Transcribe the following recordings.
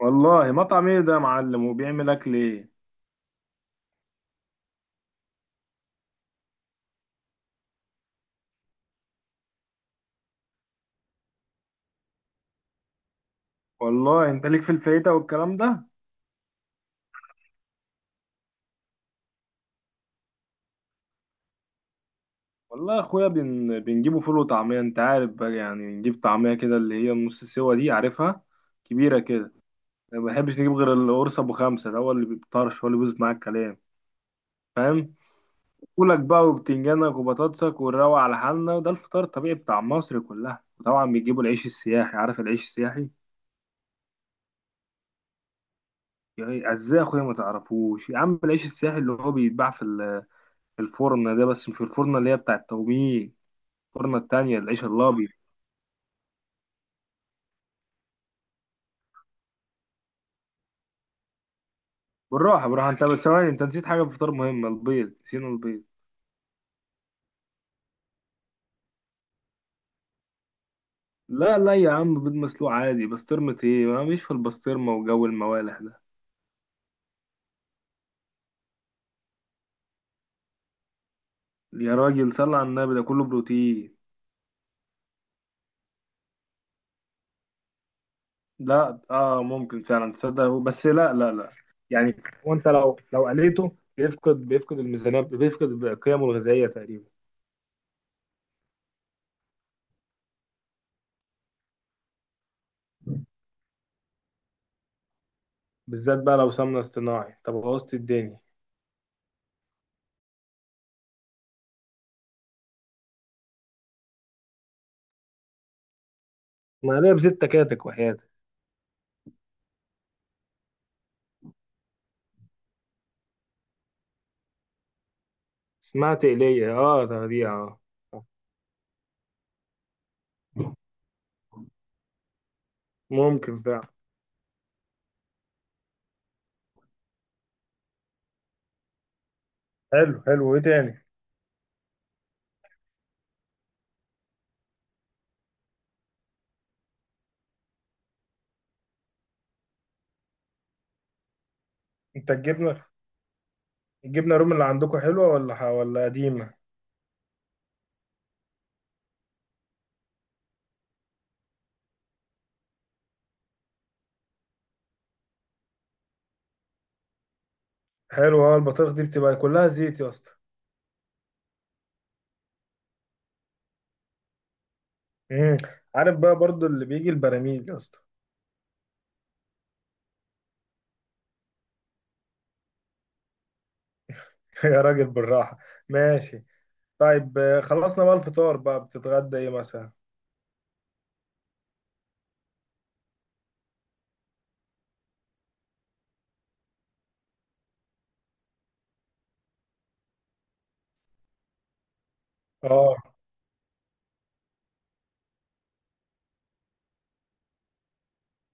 والله مطعم ايه ده يا معلم، وبيعمل اكل ايه؟ والله انت ليك في الفايته والكلام ده. والله يا اخويا، بنجيبه فول وطعميه. انت عارف بقى، يعني بنجيب طعميه كده، اللي هي النص سوا دي، عارفها؟ كبيره كده. ما بحبش نجيب غير القرص ابو خمسه، ده هو اللي بيطرش، هو اللي بيبوظ معاك الكلام، فاهم؟ فولك بقى وبتنجانك وبطاطسك، ونروق على حالنا، وده الفطار الطبيعي بتاع مصر كلها. وطبعا بيجيبوا العيش السياحي، عارف العيش السياحي؟ يعني ازاي يا اخويا ما تعرفوش؟ يا عم العيش السياحي اللي هو بيتباع في الفرن ده، بس مش الفرن اللي هي بتاع التوميه، الفرن التانية، العيش الابيض. بالراحة بالراحة، انت بس ثواني، انت نسيت حاجة في الفطار مهمة، البيض، نسينا البيض. لا لا يا عم، بيض مسلوق عادي، بسطرمة ايه، ما مش في البسطرمة وجو الموالح ده. يا راجل صل على النبي، ده كله بروتين. لا اه ممكن فعلا، تصدق، بس لا لا لا، يعني هو انت لو قليته، بيفقد الميزانية، بيفقد قيمه الغذائية تقريبا. بالذات بقى لو سمنة اصطناعي، طب بوظت الدنيا. ما عليها بزيت تكاتك وحياتك. اسمها تقلية، اه، تغذية، اه. ممكن فعلا. حلو حلو، ايه تاني؟ انت الجبنه الرومي اللي عندكم حلوه، ولا ولا قديمه؟ حلوه، اه، البطارخ دي بتبقى كلها زيت يا اسطى. امم. عارف بقى برضو اللي بيجي البراميل يا اسطى. يا راجل بالراحه. ماشي. طيب، خلصنا بقى الفطار، بقى بتتغدى ايه مثلا؟ اه،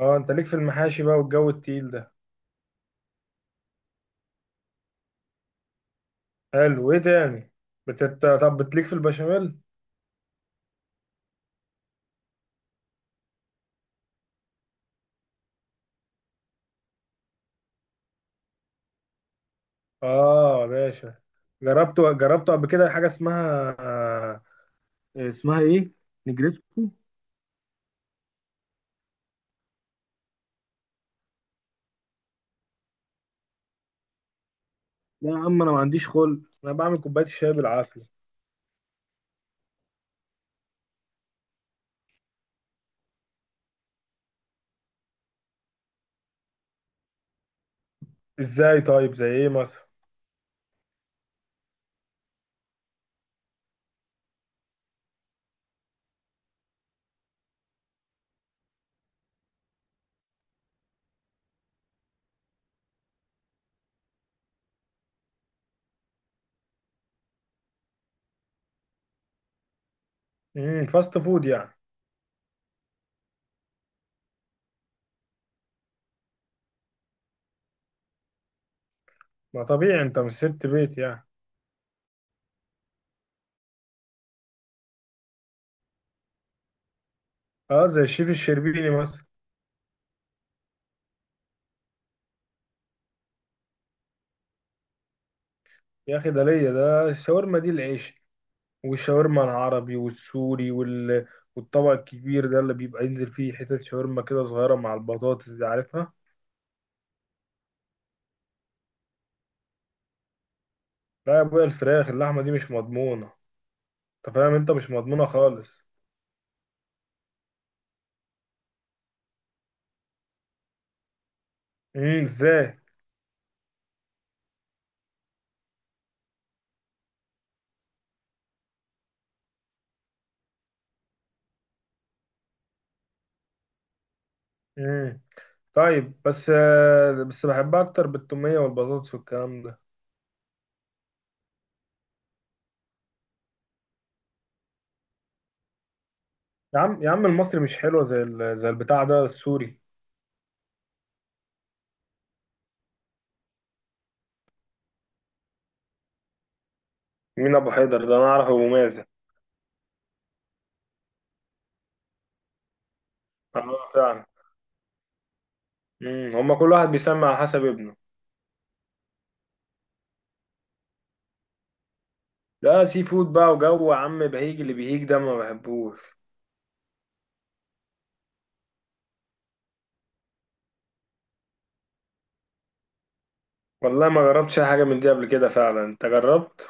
اه، انت ليك في المحاشي بقى والجو التقيل ده. حلو، ايه تاني؟ طب بتليك في البشاميل؟ اه يا باشا. جربت قبل كده حاجه اسمها، اسمها ايه؟ نجريسكو. لا يا عم، انا ما عنديش خلق، انا بعمل كوبايه الشاي بالعافيه. ازاي طيب؟ زي ايه مثلا؟ فاست فود يعني. ما طبيعي، انت مش ست بيت يعني. اه، زي الشيف الشربيني مثلا. يا اخي ده ليا، ده الشاورما دي العيش، والشاورما العربي والسوري والطبق الكبير ده اللي بيبقى ينزل فيه حتت شاورما كده صغيره، مع البطاطس دي، عارفها؟ لا يا ابويا الفراخ، اللحمه دي مش مضمونه، انت فاهم، انت مش مضمونة خالص. ازاي؟ امم طيب بس بحبها اكتر بالتومية والبطاطس والكلام ده. يا عم يا عم المصري مش حلوة زي زي البتاع ده السوري. مين ابو حيدر ده؟ انا اعرف ابو مازن. اه فعلا. هما كل واحد بيسمي على حسب ابنه. لا سي فود بقى وجو، يا عم بهيج، اللي بيهيج ده ما بحبوش. والله ما جربتش اي حاجة من دي قبل كده، فعلا انت جربت؟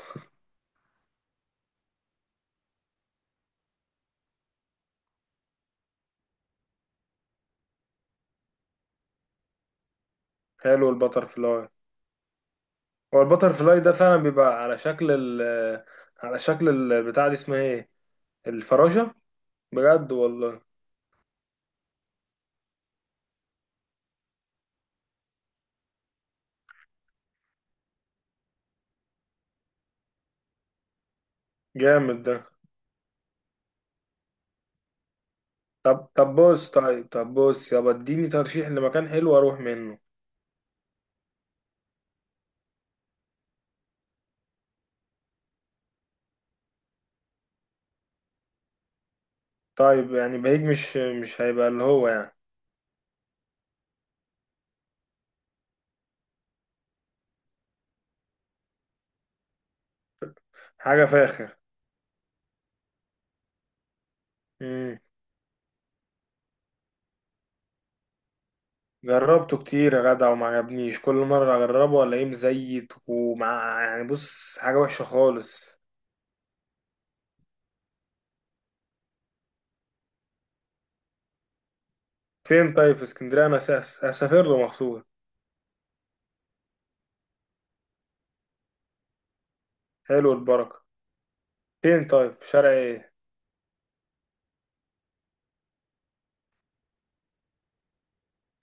حلو البتر فلاي. هو البتر فلاي ده فعلا بيبقى على شكل البتاع، دي اسمها ايه؟ الفراشة. بجد والله. جامد ده. طب بص يابا، اديني ترشيح لمكان حلو اروح منه. طيب يعني بهيج مش هيبقى اللي هو، يعني حاجة فاخر. مم. جربته كتير يا جدع، وما عجبنيش، كل مرة اجربه الاقيه مزيت ومع، يعني بص، حاجة وحشة خالص. فين طيب؟ في اسكندرية انا اسافر له مخصوص. حلو البركة. فين طيب؟ في شارع ايه؟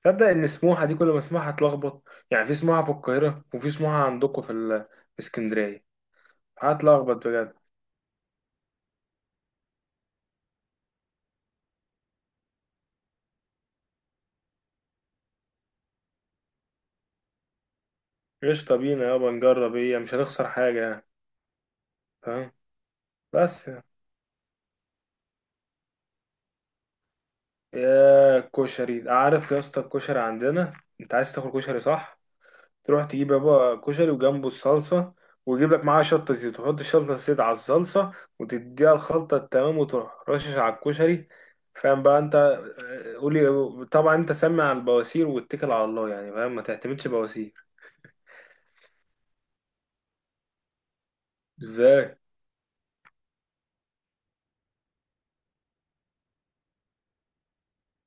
تصدق ان سموحه دي كل ما اسمعها هتلخبط، يعني في سموحه في القاهره، وفي سموحه عندكم في اسكندريه. هتلخبط بجد. قشطه، بينا يابا نجرب، ايه مش هنخسر حاجه يعني، فاهم؟ بس يعني. يا كشري عارف يا اسطى الكشري عندنا. انت عايز تاكل كشري، صح؟ تروح تجيب يا بابا كشري، وجنبه الصلصة، ويجيب لك معاها شطة زيت، وتحط الشطة الزيت على الصلصة، وتديها الخلطة التمام، وتروح رشش على الكشري، فاهم بقى انت؟ قولي طبعا، انت سمع على البواسير واتكل على الله يعني، فاهم؟ ما تعتمدش بواسير. ازاي؟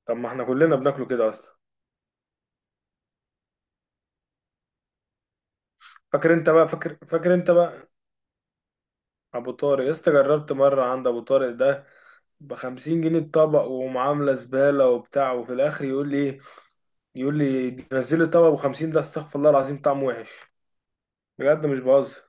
طب ما احنا كلنا بناكله كده اصلا. فاكر انت بقى، فاكر انت بقى. ابو طارق يا اسطى، جربت مرة عند ابو طارق ده، ب50 جنيه الطبق، ومعاملة زبالة وبتاع، وفي الاخر يقول لي ايه؟ يقول لي نزل لي طبق ب 50. ده استغفر الله العظيم، طعمه وحش، بجد مش بهزر.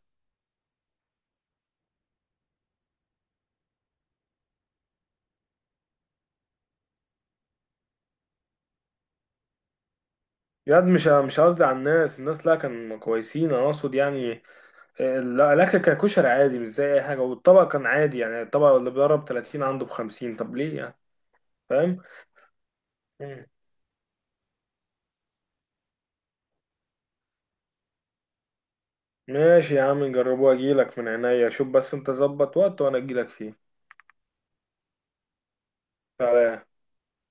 بجد، مش قصدي على الناس، الناس لا كانوا كويسين، انا اقصد يعني الاكل كان كشري عادي مش زي اي حاجه، والطبق كان عادي، يعني الطبق اللي بيضرب 30 عنده ب 50، طب ليه يعني؟ فاهم. مم. ماشي يا عم، نجربوه، اجيلك من عينيا، شوف بس انت ظبط وقت وانا اجيلك فيه. سلام.